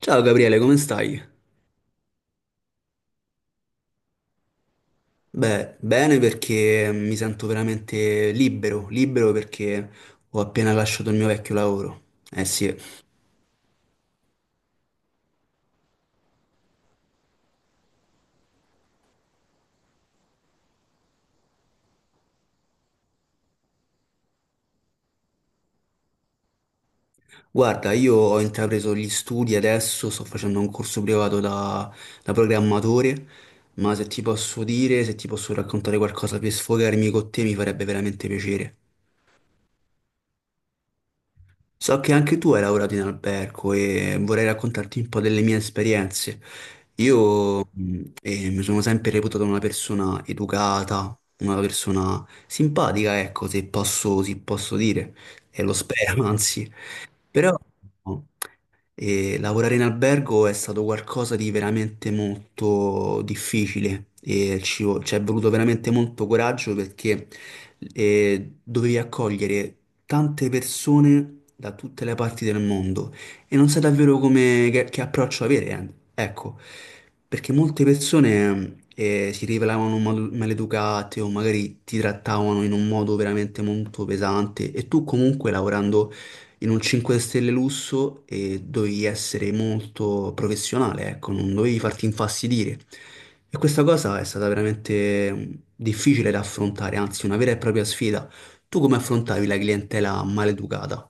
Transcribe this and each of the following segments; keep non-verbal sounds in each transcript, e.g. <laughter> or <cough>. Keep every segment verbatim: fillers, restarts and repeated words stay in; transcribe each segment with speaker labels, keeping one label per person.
Speaker 1: Ciao Gabriele, come stai? Beh, bene perché mi sento veramente libero, libero perché ho appena lasciato il mio vecchio lavoro. Eh sì, guarda, io ho intrapreso gli studi adesso, sto facendo un corso privato da, da programmatore, ma se ti posso dire, se ti posso raccontare qualcosa per sfogarmi con te, mi farebbe veramente piacere. So che anche tu hai lavorato in albergo e vorrei raccontarti un po' delle mie esperienze. Io mh, eh, mi sono sempre reputato una persona educata, una persona simpatica, ecco, se posso, se posso dire, e lo spero, <laughs> anzi. Però no, e lavorare in albergo è stato qualcosa di veramente molto difficile e ci, vo- ci è voluto veramente molto coraggio perché eh, dovevi accogliere tante persone da tutte le parti del mondo e non sai davvero come, che, che approccio avere, eh. Ecco, perché molte persone eh, si rivelavano mal- maleducate o magari ti trattavano in un modo veramente molto pesante e tu comunque lavorando in un cinque stelle lusso e dovevi essere molto professionale, ecco, non dovevi farti infastidire. E questa cosa è stata veramente mm, difficile da affrontare, anzi una vera e propria sfida. Tu come affrontavi la clientela maleducata?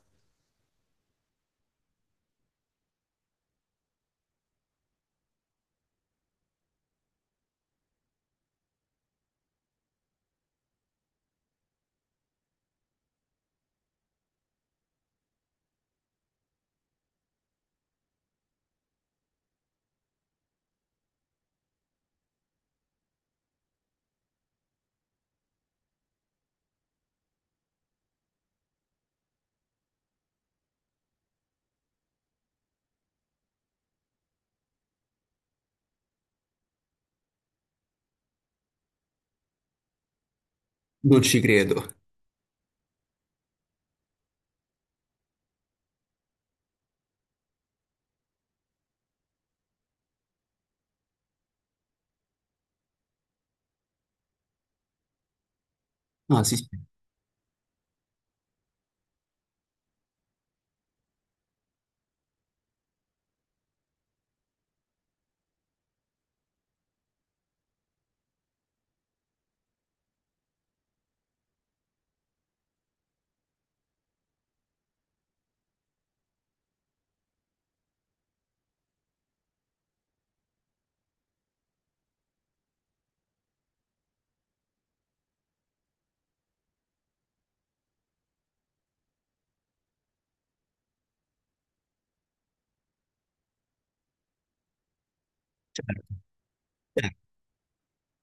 Speaker 1: Non ci credo. Ah, sì, sì, certo. Certo.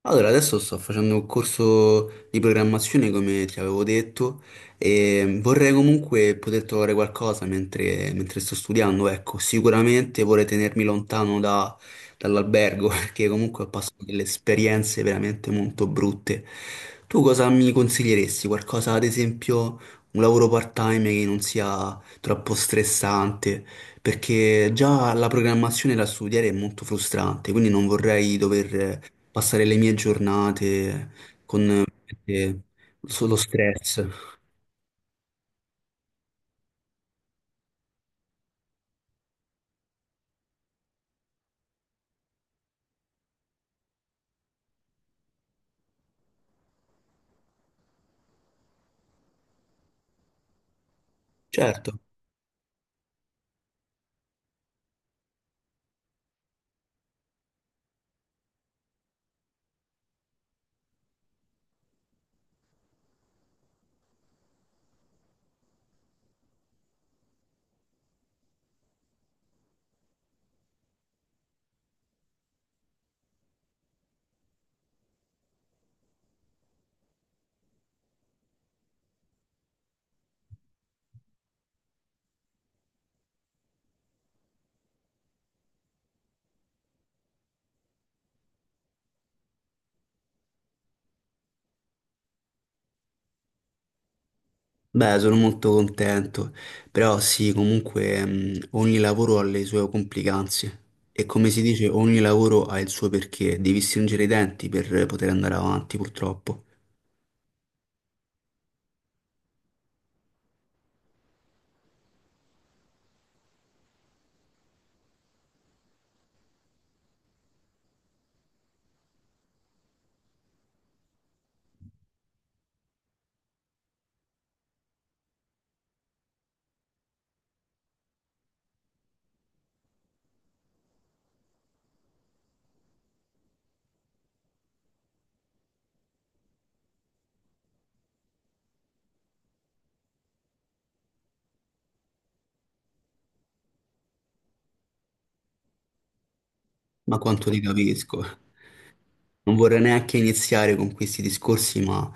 Speaker 1: Allora, adesso sto facendo un corso di programmazione, come ti avevo detto, e vorrei comunque poter trovare qualcosa mentre, mentre sto studiando, ecco, sicuramente vorrei tenermi lontano da- dall'albergo, <laughs> perché comunque ho passato delle esperienze veramente molto brutte. Tu cosa mi consiglieresti? Qualcosa, ad esempio, un lavoro part-time che non sia troppo stressante, perché già la programmazione da studiare è molto frustrante, quindi non vorrei dover passare le mie giornate con eh, solo stress. Certo, beh, sono molto contento, però sì, comunque mh, ogni lavoro ha le sue complicanze e come si dice, ogni lavoro ha il suo perché, devi stringere i denti per poter andare avanti, purtroppo. Ma quanto ti capisco. Non vorrei neanche iniziare con questi discorsi, ma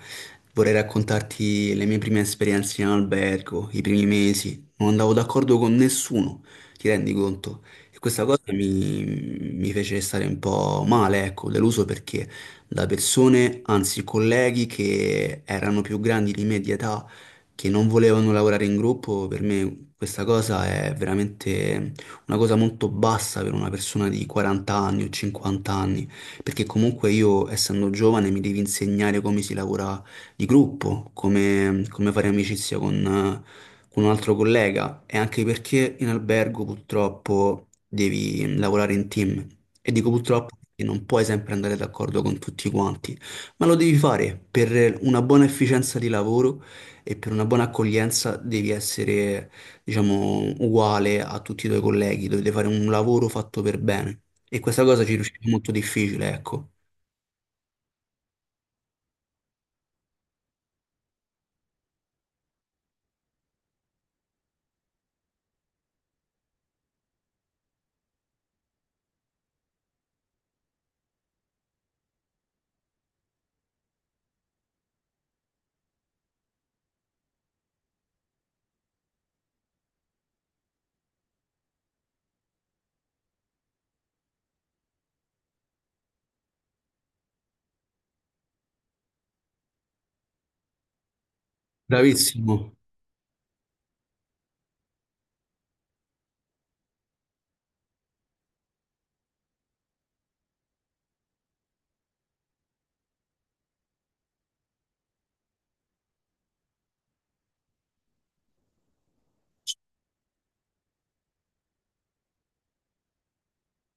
Speaker 1: vorrei raccontarti le mie prime esperienze in albergo, i primi mesi. Non andavo d'accordo con nessuno, ti rendi conto? E questa cosa mi, mi fece stare un po' male, ecco, deluso perché da persone, anzi colleghi che erano più grandi di me di età, che non volevano lavorare in gruppo, per me questa cosa è veramente una cosa molto bassa per una persona di quaranta anni o cinquanta anni perché comunque io, essendo giovane, mi devi insegnare come si lavora di gruppo, come, come fare amicizia con, eh, con un altro collega e anche perché in albergo purtroppo devi lavorare in team e dico purtroppo perché non puoi sempre andare d'accordo con tutti quanti, ma lo devi fare per una buona efficienza di lavoro e per una buona accoglienza devi essere diciamo, uguale a tutti i tuoi colleghi, dovete fare un lavoro fatto per bene. E questa cosa ci riusciva molto difficile, ecco. Bravissimo.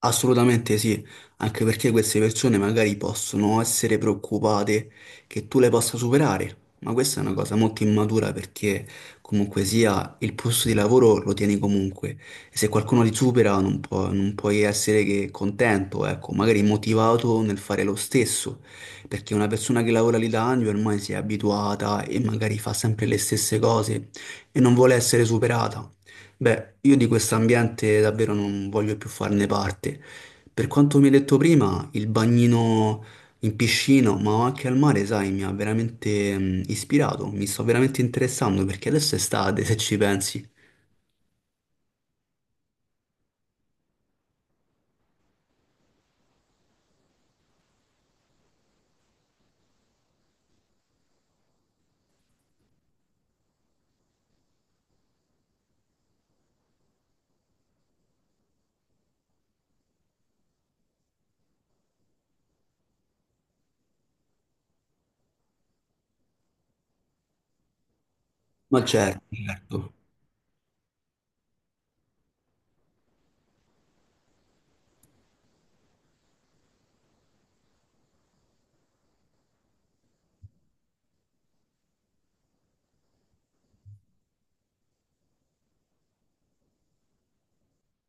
Speaker 1: Assolutamente sì, anche perché queste persone magari possono essere preoccupate che tu le possa superare, ma questa è una cosa molto immatura perché comunque sia il posto di lavoro lo tieni comunque e se qualcuno ti supera non può- non puoi essere che contento, ecco, magari motivato nel fare lo stesso, perché una persona che lavora lì da anni ormai si è abituata e magari fa sempre le stesse cose e non vuole essere superata. Beh, io di questo ambiente davvero non voglio più farne parte. Per quanto mi hai detto prima, il bagnino in piscina, ma anche al mare, sai, mi ha veramente mm, ispirato, mi sto veramente interessando perché adesso è estate, se ci pensi. Ma certo, certo,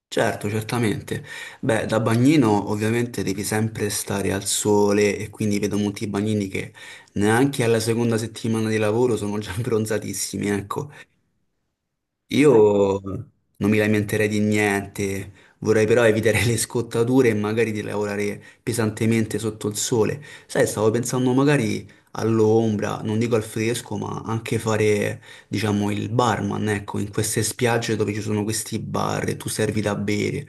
Speaker 1: certo, certamente. Beh, da bagnino ovviamente devi sempre stare al sole e quindi vedo molti bagnini che neanche alla seconda settimana di lavoro sono già <laughs> bronzatissimi, ecco. Io non mi lamenterei di niente, vorrei però evitare <laughs> le scottature e magari di lavorare pesantemente sotto il sole. Sai, stavo pensando magari all'ombra, non dico al fresco, ma anche fare, diciamo, il barman, ecco, in queste spiagge dove ci sono questi bar e tu servi da bere.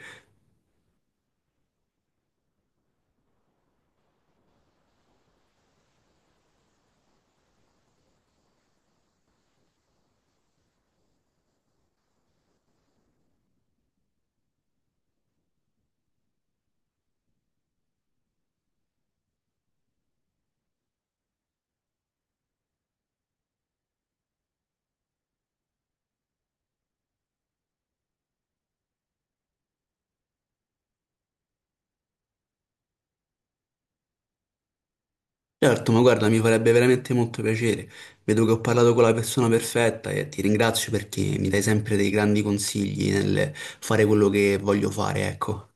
Speaker 1: Certo, ma guarda, mi farebbe veramente molto piacere. Vedo che ho parlato con la persona perfetta e ti ringrazio perché mi dai sempre dei grandi consigli nel fare quello che voglio fare, ecco.